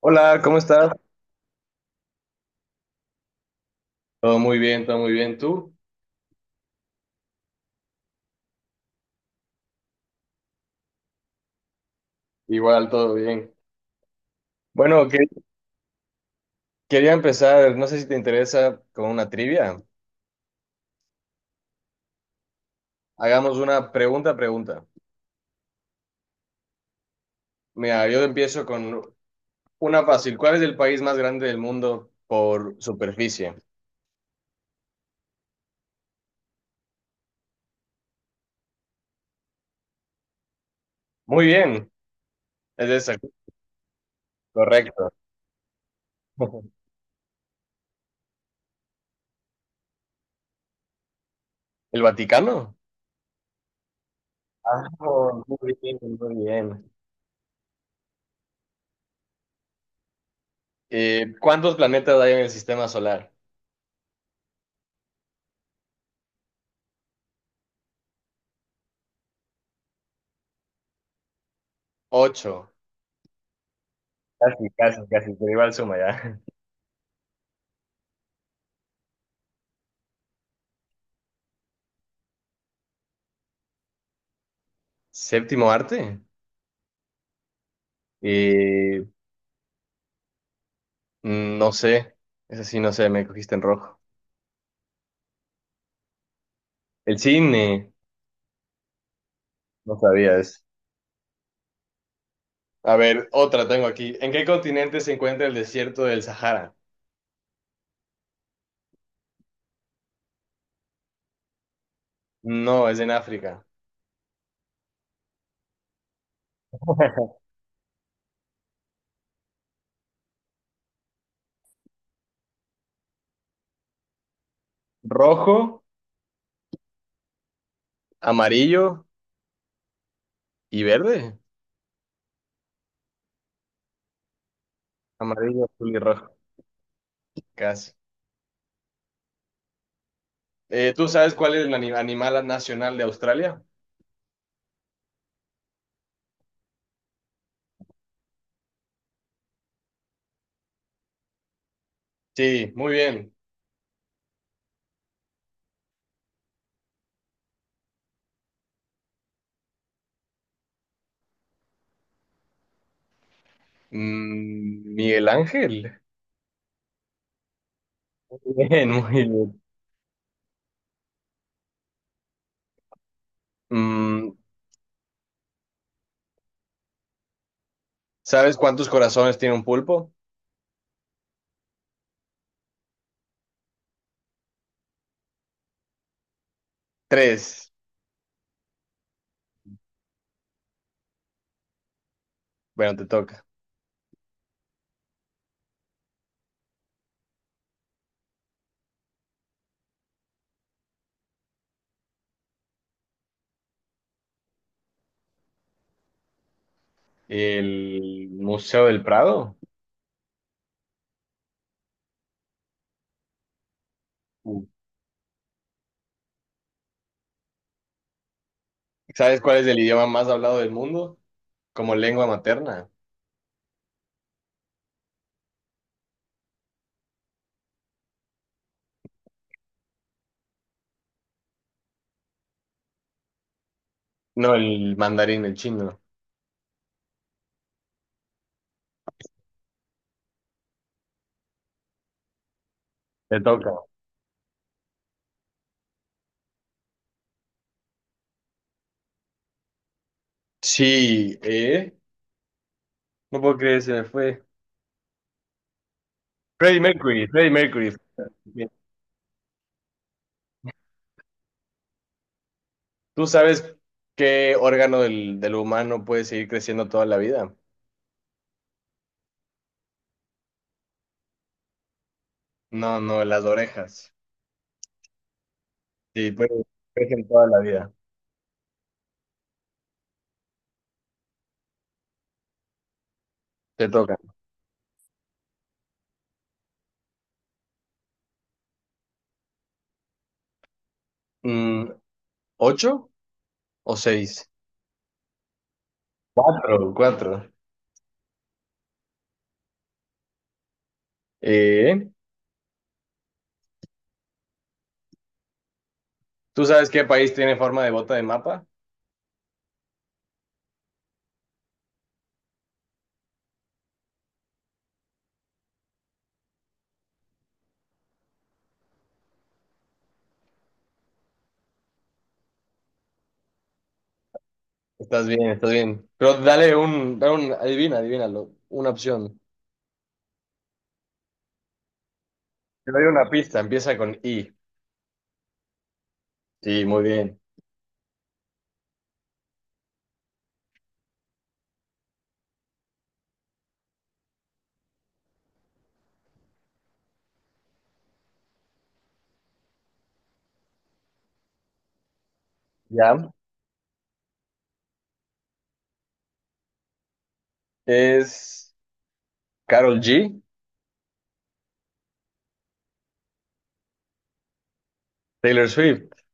Hola, ¿cómo estás? Todo muy bien, todo muy bien. ¿Tú? Igual, todo bien. Bueno, quería empezar, no sé si te interesa, con una trivia. Hagamos una pregunta a pregunta. Mira, yo empiezo con una fácil. ¿Cuál es el país más grande del mundo por superficie? Muy bien, es esa, correcto. ¿El Vaticano? Ah, muy bien, muy bien. ¿Cuántos planetas hay en el sistema solar? Ocho. Casi, casi, casi, pero igual suma ya. ¿Séptimo arte? Y no sé, eso sí, no sé, me cogiste en rojo. El cine, no sabía eso. A ver, otra tengo aquí. ¿En qué continente se encuentra el desierto del Sahara? No, es en África. Rojo, amarillo y verde. Amarillo, azul y rojo, casi. ¿Tú sabes cuál es el animal nacional de Australia? Sí, muy bien. Mm, Miguel Ángel. Bien, muy bien. Mm, ¿Sabes cuántos corazones tiene un pulpo? Tres. Bueno, te toca. El Museo del Prado. Uh, ¿Sabes cuál es el idioma más hablado del mundo? Como lengua materna. No, el mandarín, el chino. Te toca. Sí, ¿eh? No puedo creer, se me fue. Freddie Mercury, Freddie Mercury. Bien. ¿Tú sabes qué órgano del humano puede seguir creciendo toda la vida? No, no, las orejas. Sí, pues, crecen toda la vida. Te toca. Mm, ¿ocho o seis? Cuatro, cuatro. Eh, ¿Tú sabes qué país tiene forma de bota de mapa? Estás bien, estás bien. Pero dale un, adivina, adivínalo, una opción. Te doy una pista, empieza con I. Sí, muy bien. ¿Ya? Es Carol G, Taylor Swift.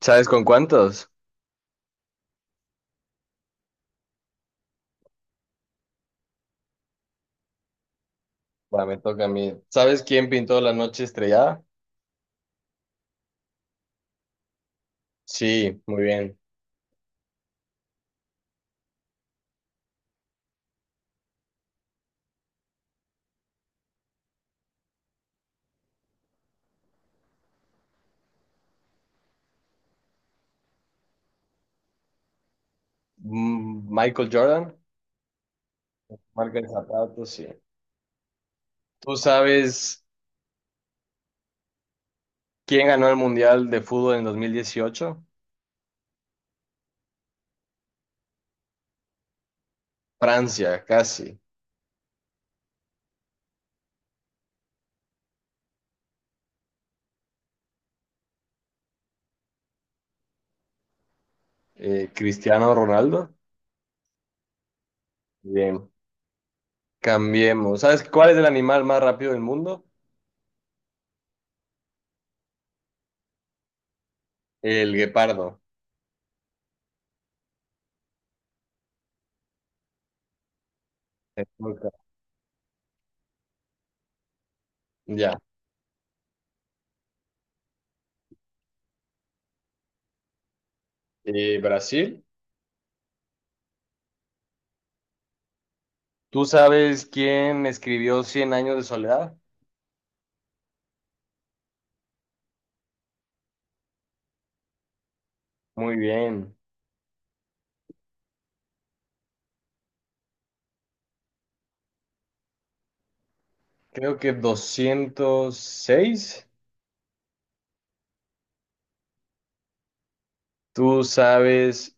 ¿Sabes con cuántos? Va, me toca a mí. ¿Sabes quién pintó La Noche Estrellada? Sí, muy bien. Mm, Michael Jordan, marca de zapatos, sí. ¿Tú sabes quién ganó el Mundial de Fútbol en 2018? Francia, casi. Cristiano Ronaldo. Bien. Cambiemos. ¿Sabes cuál es el animal más rápido del mundo? El guepardo. Te toca. Ya. Brasil. ¿Tú sabes quién escribió Cien años de soledad? Muy bien. Creo que 206. ¿Tú sabes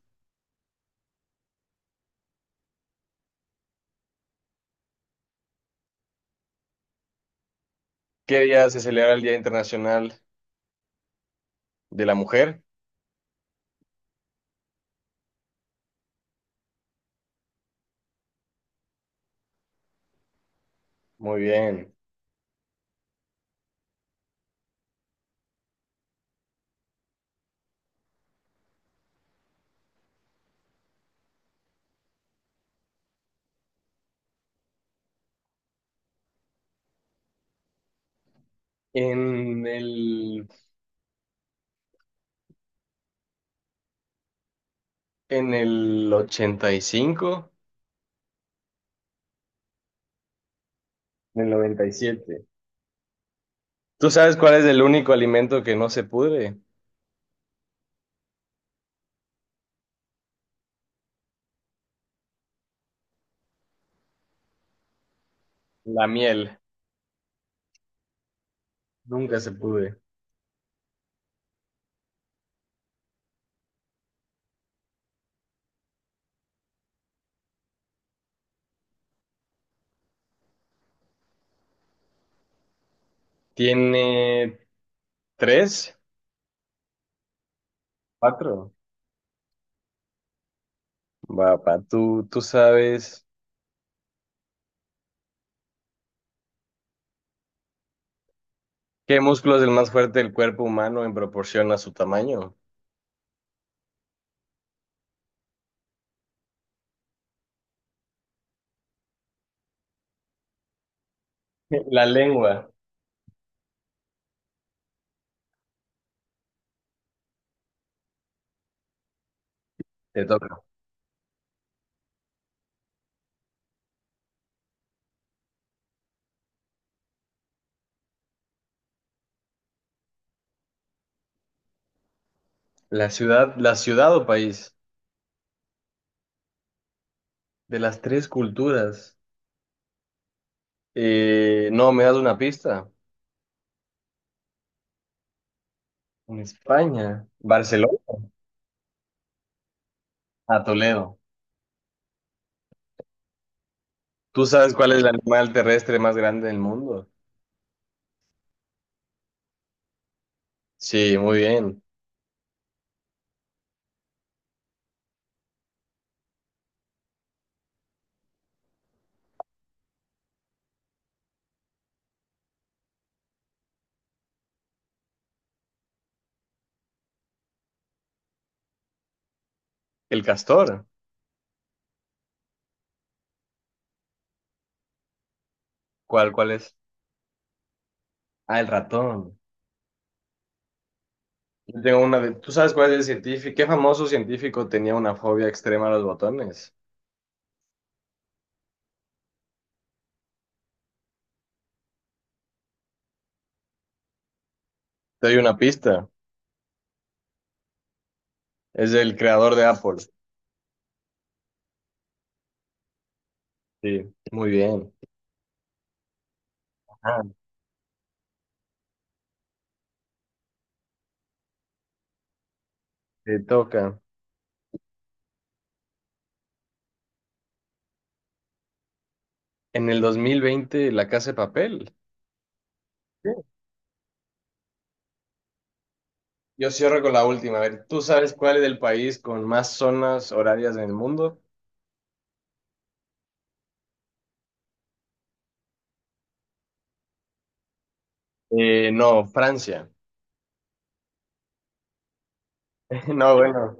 qué día se celebra el Día Internacional de la Mujer? Muy bien. En en el 85. En el 97. ¿Tú sabes cuál es el único alimento que no se pudre? La miel. Nunca se pudre. ¿Tiene tres? ¿Cuatro? Va, pa, ¿tú sabes qué músculo es el más fuerte del cuerpo humano en proporción a su tamaño? La lengua. Te toca. La ciudad o país de las tres culturas. No, me das una pista. En España. Barcelona. A Toledo. ¿Tú sabes cuál es el animal terrestre más grande del mundo? Sí, muy bien. El castor. ¿Cuál es? Ah, el ratón. Yo tengo una de... ¿Tú sabes cuál es el científico? ¿Qué famoso científico tenía una fobia extrema a los botones? Te doy una pista. Es el creador de Apple. Sí, muy bien. Ah, te toca. En el 2020, La Casa de Papel. Sí. Yo cierro con la última. A ver, ¿tú sabes cuál es el país con más zonas horarias en el mundo? No, Francia. No, bueno,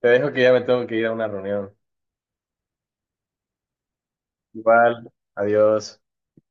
te dejo que ya me tengo que ir a una reunión. Igual, adiós.